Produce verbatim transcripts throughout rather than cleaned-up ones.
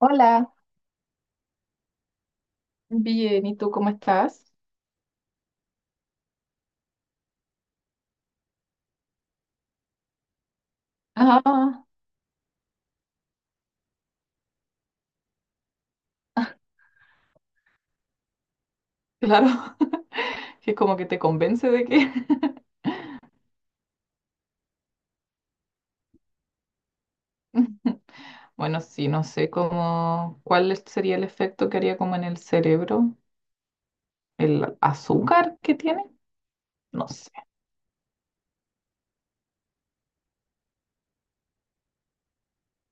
Hola, bien, ¿y tú cómo estás? Ah, claro, que como que te convence de que. Bueno, sí, no sé cómo, cuál es- sería el efecto que haría como en el cerebro, el azúcar que tiene, no sé,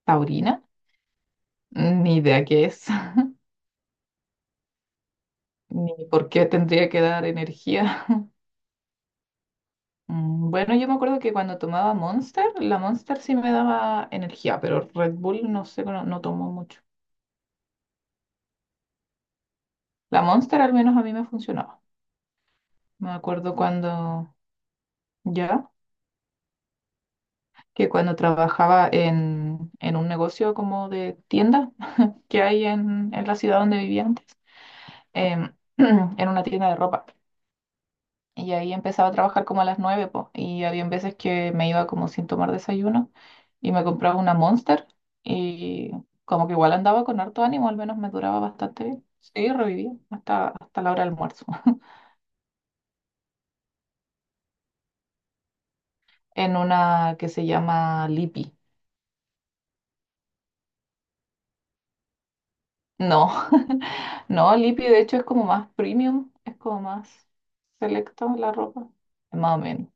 taurina, ni idea qué es. Ni por qué tendría que dar energía. Mm, Bueno, yo me acuerdo que cuando tomaba Monster, la Monster sí me daba energía, pero Red Bull no sé, no, no tomo mucho. La Monster al menos a mí me funcionaba. Me acuerdo cuando ya, que cuando trabajaba en, en un negocio como de tienda que hay en, en la ciudad donde vivía antes, em, en una tienda de ropa. Y ahí empezaba a trabajar como a las nueve po, y había veces que me iba como sin tomar desayuno y me compraba una Monster y como que igual andaba con harto ánimo, al menos me duraba bastante bien. Sí, revivía hasta, hasta la hora del almuerzo. En una que se llama Lipi. No. No, Lipi de hecho es como más premium, es como más selecto la ropa. Más o menos.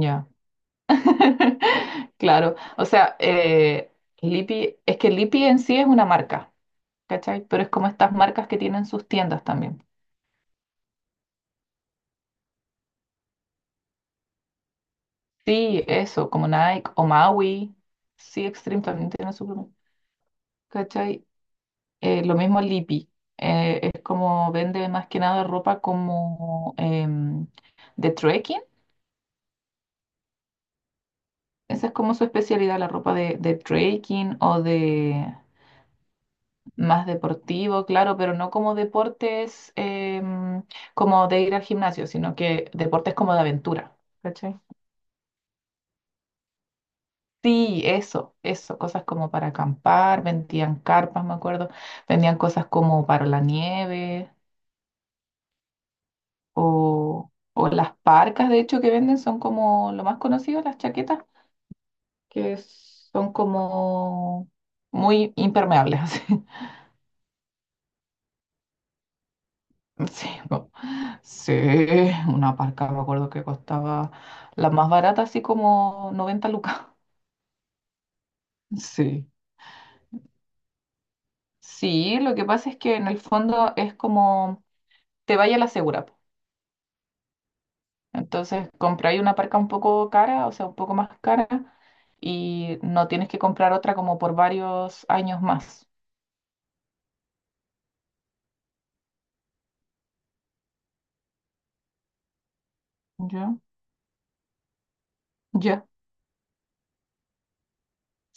Ya. Claro. O sea, eh, Lipi, es que Lipi en sí es una marca, ¿cachai? Pero es como estas marcas que tienen sus tiendas también. Sí, eso, como Nike o Maui. Sí, Extreme también tiene su propia. ¿Cachai? Eh, lo mismo Lipi. Eh, es como vende más que nada ropa como em, de trekking. Esa es como su especialidad, la ropa de, de trekking o de más deportivo, claro, pero no como deportes em, como de ir al gimnasio, sino que deportes como de aventura. ¿Cachai? Sí, eso, eso, cosas como para acampar, vendían carpas, me acuerdo, vendían cosas como para la nieve o, o las parcas, de hecho, que venden son como lo más conocido, las chaquetas, que son como muy impermeables, así. Sí, sí, una parca, me acuerdo que costaba la más barata, así como noventa lucas. Sí, sí, lo que pasa es que en el fondo es como te vaya la segura. po. Entonces compráis una parca un poco cara, o sea, un poco más cara, y no tienes que comprar otra como por varios años más. ¿Ya? ¿Ya?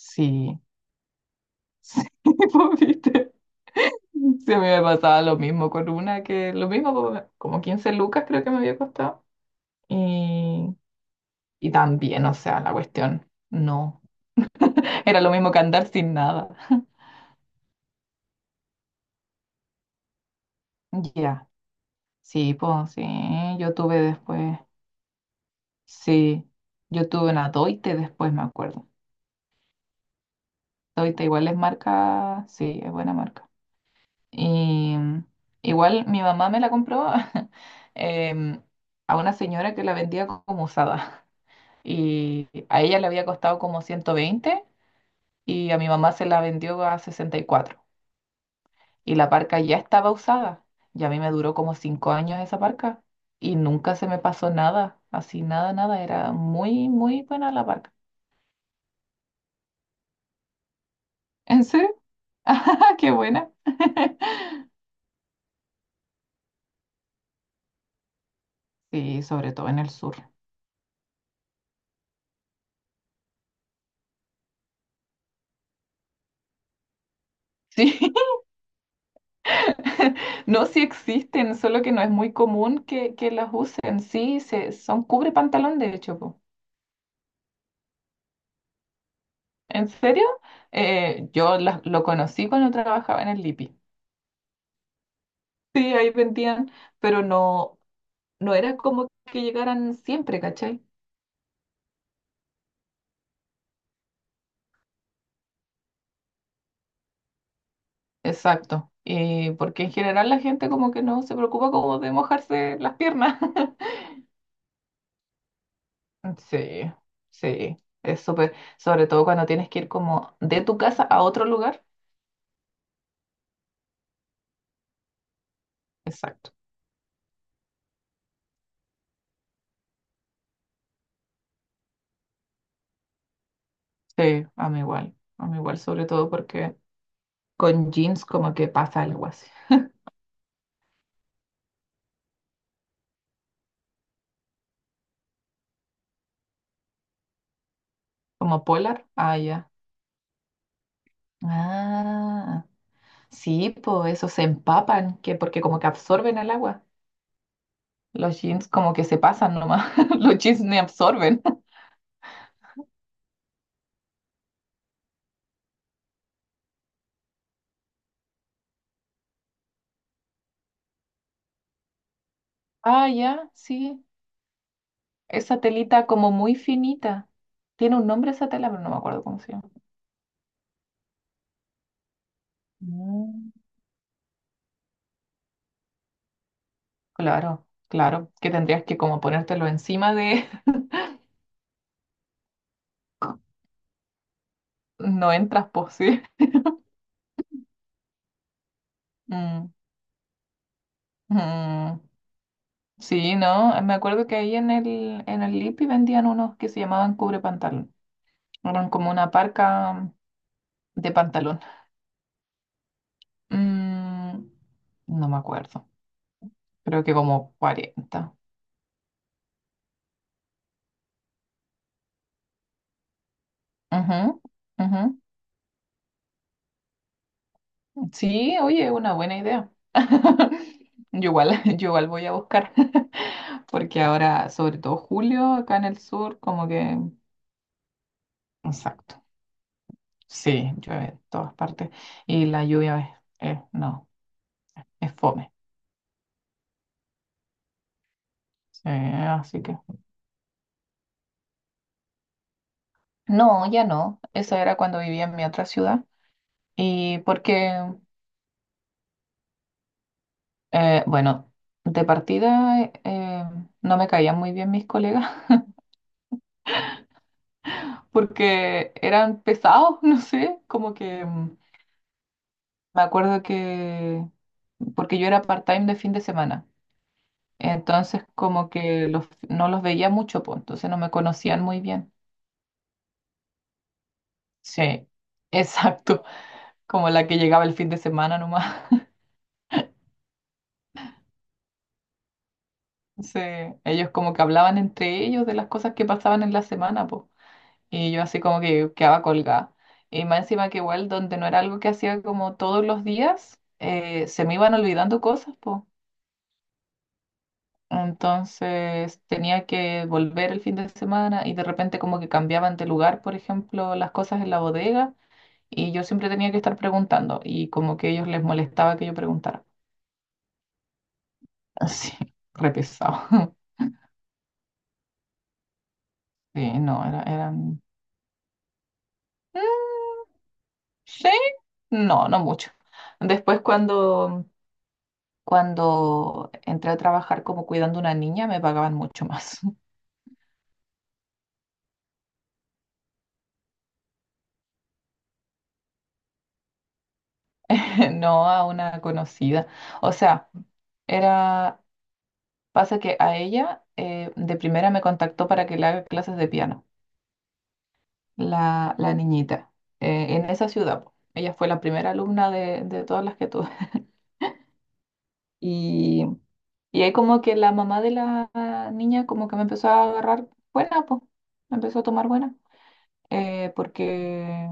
Sí, sí, pues, viste. Se me pasaba lo mismo con una que, lo mismo, po, como quince lucas creo que me había costado. Y Y también, o sea, la cuestión, no. Era lo mismo que andar sin nada. Ya, sí, pues sí, yo tuve después, sí, yo tuve una Doite después, me acuerdo. Doite igual es marca, sí, es buena marca. Y mm, igual mi mamá me la compró em, a una señora que la vendía co- como usada. Y a ella le había costado como ciento veinte y a mi mamá se la vendió a sesenta y cuatro. Y la parca ya estaba usada. Y a mí me duró como cinco años esa parca y nunca se me pasó nada, así nada, nada. Era muy, muy buena la parca. ¿En serio? ¡Qué buena! Sí, sobre todo en el sur. Sí, no, sí existen, solo que no es muy común que, que las usen. Sí, se, son cubre pantalón, de hecho, po. ¿En serio? Eh, yo las- lo conocí cuando trabajaba en el Lipi. Sí, ahí vendían, pero no, no era como que llegaran siempre, ¿cachai? Exacto. Y porque en general la gente como que no se preocupa como de mojarse las piernas. Sí, sí. Es súper, sobre todo cuando tienes que ir como de tu casa a otro lugar. Exacto. Sí, a mí igual. A mí igual, sobre todo porque con jeans como que pasa algo así. Como polar, ah, ya. Ah, sí, pues esos se empapan, que porque como que absorben el agua. Los jeans como que se pasan nomás. Los jeans ni absorben. Ah, ya, sí. Esa telita como muy finita. Tiene un nombre esa tela, pero no me acuerdo cómo se llama. Mm, claro, claro, que tendrías que como ponértelo encima de. No entras, pues sí. Mm, mm. Sí, no, me acuerdo que ahí en el, en el Lipi vendían unos que se llamaban cubre pantalón. Eran como una parca de pantalón. Mm, no me acuerdo. Creo que como cuarenta. Ujú, ujú. Sí, oye, una buena idea. Yo igual, yo igual voy a buscar, porque ahora, sobre todo julio, acá en el sur, como que. Exacto. Sí, llueve en todas partes y la lluvia es, es- no, es fome. Sí, así que. No, ya no. Eso era cuando vivía en mi otra ciudad. Y porque, eh, bueno, de partida eh, eh, no me caían muy bien mis colegas porque eran pesados, no sé, como que. Me acuerdo que, porque yo era part-time de fin de semana, entonces como que los, no los veía mucho, pues, entonces no me conocían muy bien. Sí, exacto, como la que llegaba el fin de semana nomás. Sí, ellos como que hablaban entre ellos de las cosas que pasaban en la semana, pues, y yo así como que quedaba colgada. Y más encima que igual, donde no era algo que hacía como todos los días, eh, se me iban olvidando cosas, pues. Entonces tenía que volver el fin de semana y de repente como que cambiaban de lugar, por ejemplo, las cosas en la bodega y yo siempre tenía que estar preguntando y como que a ellos les molestaba que yo preguntara. Así, re pesado. Sí, no, era, eran. "Mm, Sí, no, no mucho. Después cuando, cuando entré a trabajar como cuidando a una niña me pagaban mucho más, no a una conocida. O sea, era Pasa que a ella eh, de primera me contactó para que le haga clases de piano, la, la niñita, eh, en esa ciudad. po. Ella fue la primera alumna de, de todas las que tuve. Y, y ahí como que la mamá de la niña como que me empezó a agarrar buena, pues, me empezó a tomar buena, eh, porque,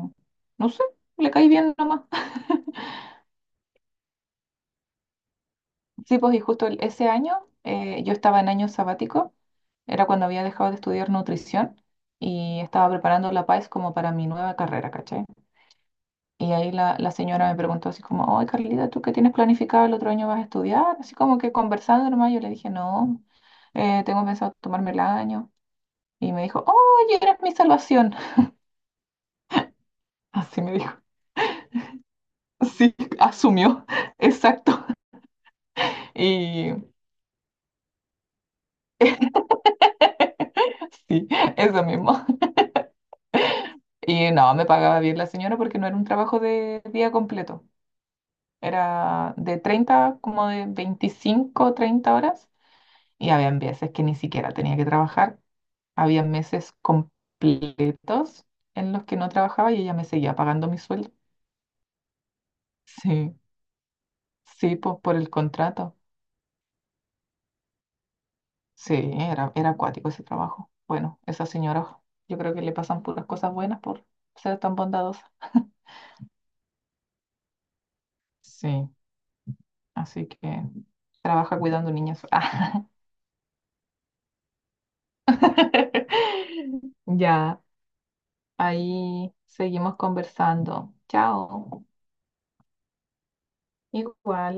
no sé, le caí bien nomás. Sí, pues y justo el- ese año eh, yo estaba en año sabático, era cuando había dejado de estudiar nutrición y estaba preparando la PAES como para mi nueva carrera, ¿cachai? Y ahí la, la señora me preguntó así como, oye Carlita, ¿tú qué tienes planificado el otro año vas a estudiar? Así como que conversando nomás, yo le dije, no, eh, tengo pensado tomarme el año. Y me dijo, oye, eres mi salvación. Así me dijo. Sí, asumió, exacto. Y sí, eso mismo. Y no, me pagaba bien la señora porque no era un trabajo de día completo. Era de treinta como de veinticinco treinta horas. Y había veces que ni siquiera tenía que trabajar. Había meses completos en los que no trabajaba y ella me seguía pagando mi sueldo. Sí, sí, pues por el contrato. Sí, era, era acuático ese trabajo. Bueno, esa señora, yo creo que le pasan puras cosas buenas por ser tan bondadosa. Sí, así que trabaja cuidando niños. Ah. Ya, ahí seguimos conversando. Chao. Igual.